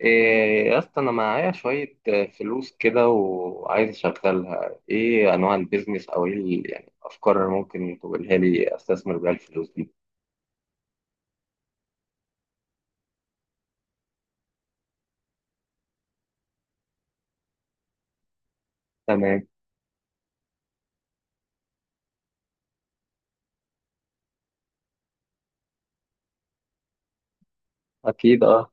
إيه يا اسطى انا معايا شوية فلوس كده وعايز اشغلها. ايه انواع البيزنس او ايه افكار اللي ممكن تقولها لي استثمر بيها الفلوس دي. تمام. اكيد اه.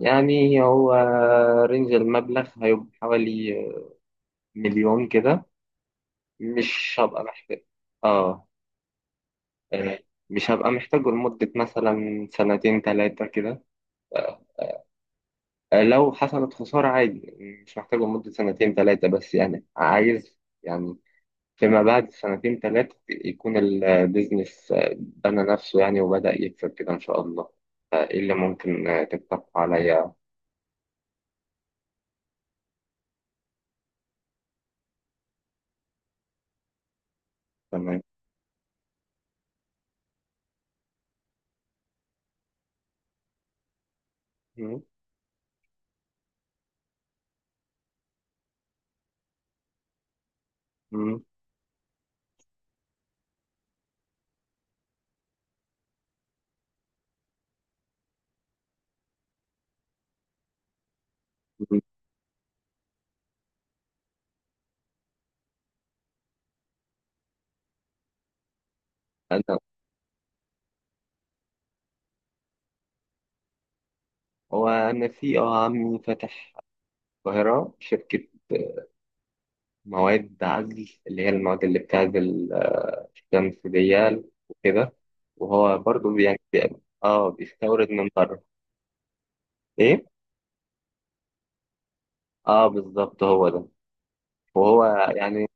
يعني هو رينج المبلغ هيبقى حوالي مليون كده، مش هبقى محتاج. اه. آه، مش هبقى محتاجه لمدة مثلا سنتين تلاتة كده. لو حصلت خسارة عادي، مش محتاجه لمدة سنتين تلاتة، بس يعني عايز، يعني فيما بعد سنتين ثلاثة يكون البيزنس بنى نفسه يعني وبدأ يكسب كده إن شاء الله. إيه اللي ممكن تقترح عليا؟ تمام. مم. مم. مم. أنا وأنا في عمي فاتح القاهرة شركة مواد عزل، اللي هي المواد اللي بتعزل الشمس دي وكده. وهو برضه يعني اه بيستورد من بره. إيه؟ اه بالظبط هو ده. وهو يعني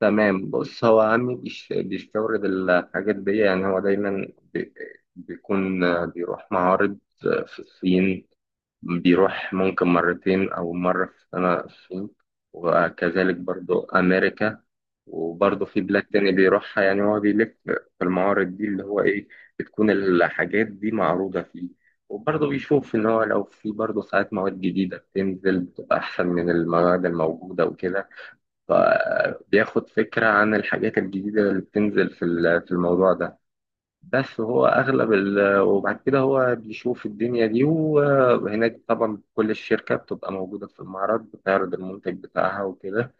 تمام. بص، هو عمي بيستورد الحاجات دي. يعني هو دايما بي- بيكون بيروح معارض في الصين، بيروح ممكن مرتين أو مرة في السنة الصين، وكذلك برضو أمريكا، وبرضو في بلاد تاني بيروحها. يعني هو بيلف في المعارض دي اللي هو إيه، بتكون الحاجات دي معروضة فيه. وبرضه بيشوف إن هو لو في برضه ساعات مواد جديدة بتنزل بتبقى أحسن من المواد الموجودة وكده، فبياخد فكرة عن الحاجات الجديدة اللي بتنزل في في الموضوع ده. بس هو أغلب ال... وبعد كده هو بيشوف الدنيا دي، وهناك طبعا كل الشركة بتبقى موجودة في المعرض بتعرض المنتج بتاعها وكده.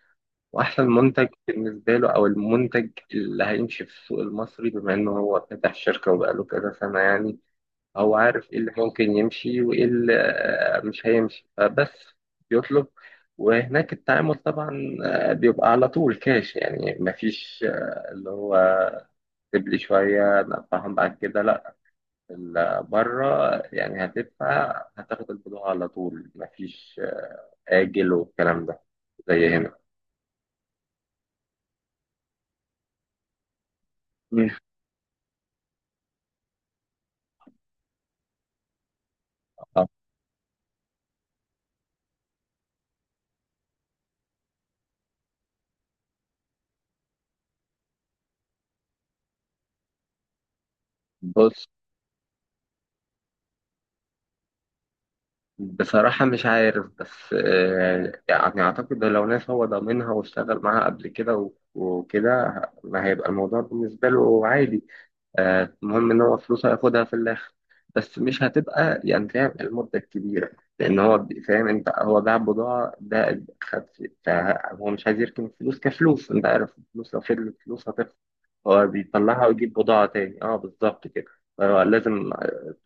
وأحسن منتج بالنسبة له أو المنتج اللي هيمشي في السوق المصري، بما إنه هو فاتح شركة وبقاله كذا سنة يعني، هو عارف ايه اللي ممكن يمشي وايه اللي مش هيمشي، فبس بيطلب. وهناك التعامل طبعا بيبقى على طول كاش، يعني مفيش اللي هو اكتب لي شوية ادفعهم بعد كده، لا، بره يعني هتدفع هتاخد البضاعة على طول، مفيش آجل والكلام ده زي هنا. مم. آه، بص بصراحة مش عارف، بس يعني أعتقد لو ناس هو ضامنها واشتغل معاها قبل كده وكده، ما هيبقى الموضوع بالنسبة له عادي. المهم إن هو فلوسه هياخدها في الآخر، بس مش هتبقى يعني، فاهم، المدة الكبيرة، لأن هو فاهم أنت، هو باع بضاعة ده خد فهو مش عايز يركن الفلوس كفلوس. أنت عارف الفلوس لو فضلت فلوس هتخسر. هو بيطلعها ويجيب بضاعة تاني. أه بالظبط كده. فهو لازم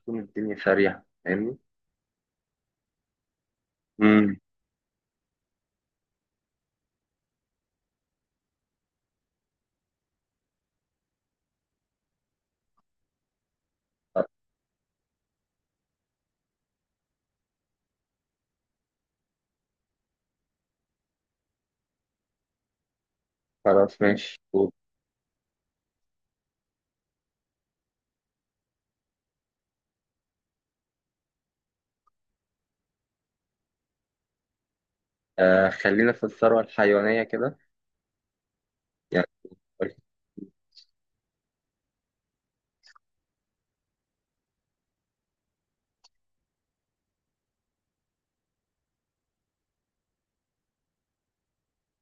تكون الدنيا سريعة، فاهمني؟ مم. خلاص ماشي قول. آه خلينا في الثروة الحيوانية كده يعني، قول.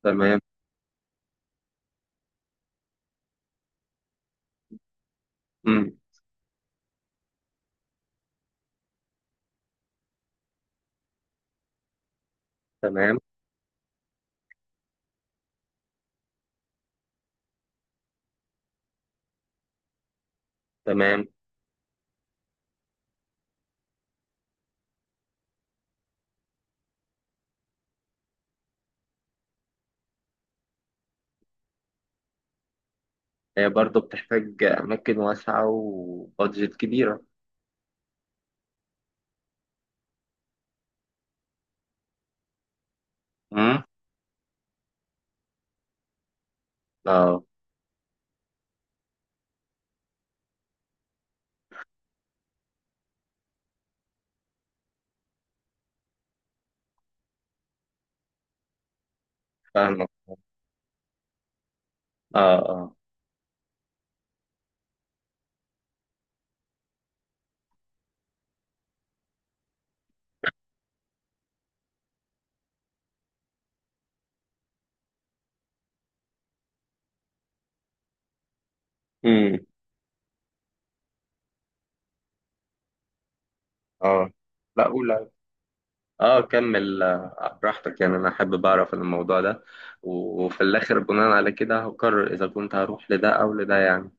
تمام. مم. تمام. تمام. هي برضو بتحتاج أماكن واسعة وبادجت كبيرة. مم. اه. فاهمك. اه اه. مم. اه. لا قول. اه كمل براحتك، يعني أنا حابب أعرف الموضوع ده، وفي الآخر بناء على كده هقرر إذا كنت هروح لده أو لده يعني.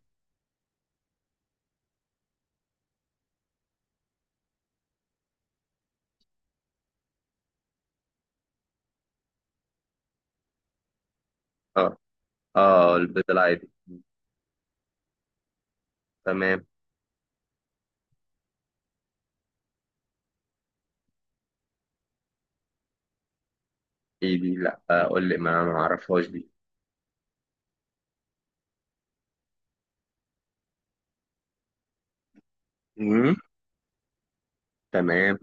اه. اه البيض العادي. تمام. ايه دي؟ لا قول لي، ما أعرفهاش دي. مم. تمام.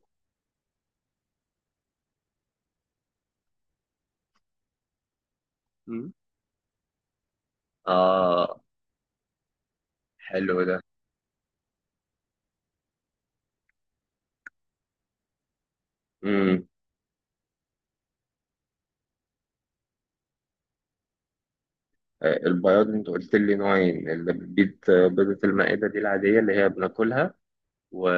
مم. آه. حلو ده. مم. البياض أنت قلت لي نوعين، اللي بتبيض بيضة المائدة دي العادية اللي هي بناكلها، و...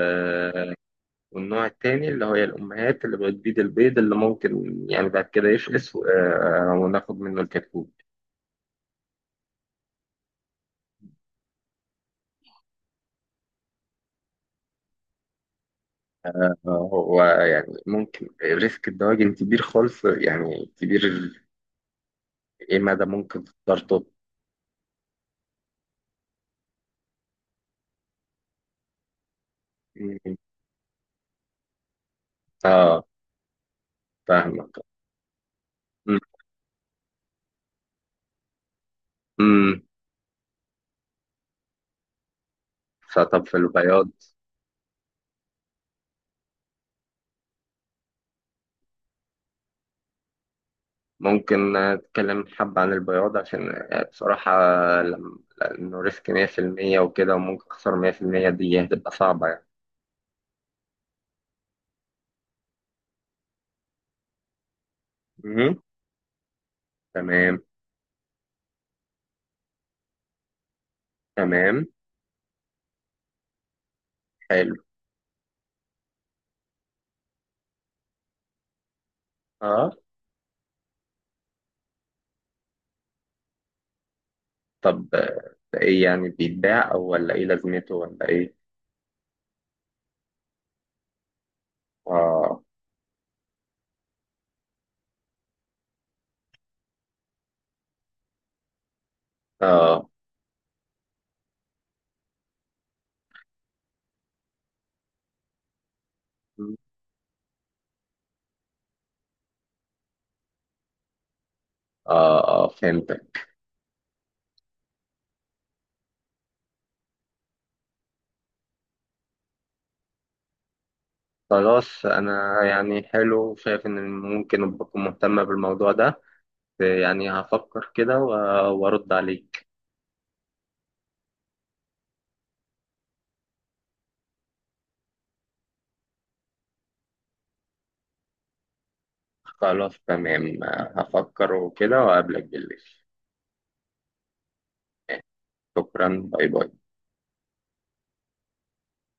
والنوع التاني اللي هي الأمهات اللي بتبيض البيض اللي ممكن يعني بعد كده يفقس و... وناخد منه الكتكوت. هو يعني ممكن ريسك الدواجن كبير خالص، يعني كبير ال-، إيه مدى ممكن خطورته؟ مم. آه. فاهمك. مم. مم. فطب في البياض، ممكن أتكلم حبة عن البياض عشان بصراحة، لأنه ريسك 100% وكده وممكن أخسر 100%، دي هتبقى صعبة يعني. مهم. تمام. تمام. حلو. اه. طب ده إيه يعني، بيتباع أو ولا إيه لازمته ولا إيه؟ اه. اه. اه. اه فهمتك. خلاص أنا يعني حلو، شايف إن ممكن أبقى مهتمة بالموضوع ده، يعني هفكر كده وأرد عليك. خلاص تمام، هفكر وكده وأقابلك بالليل. شكرا، باي باي.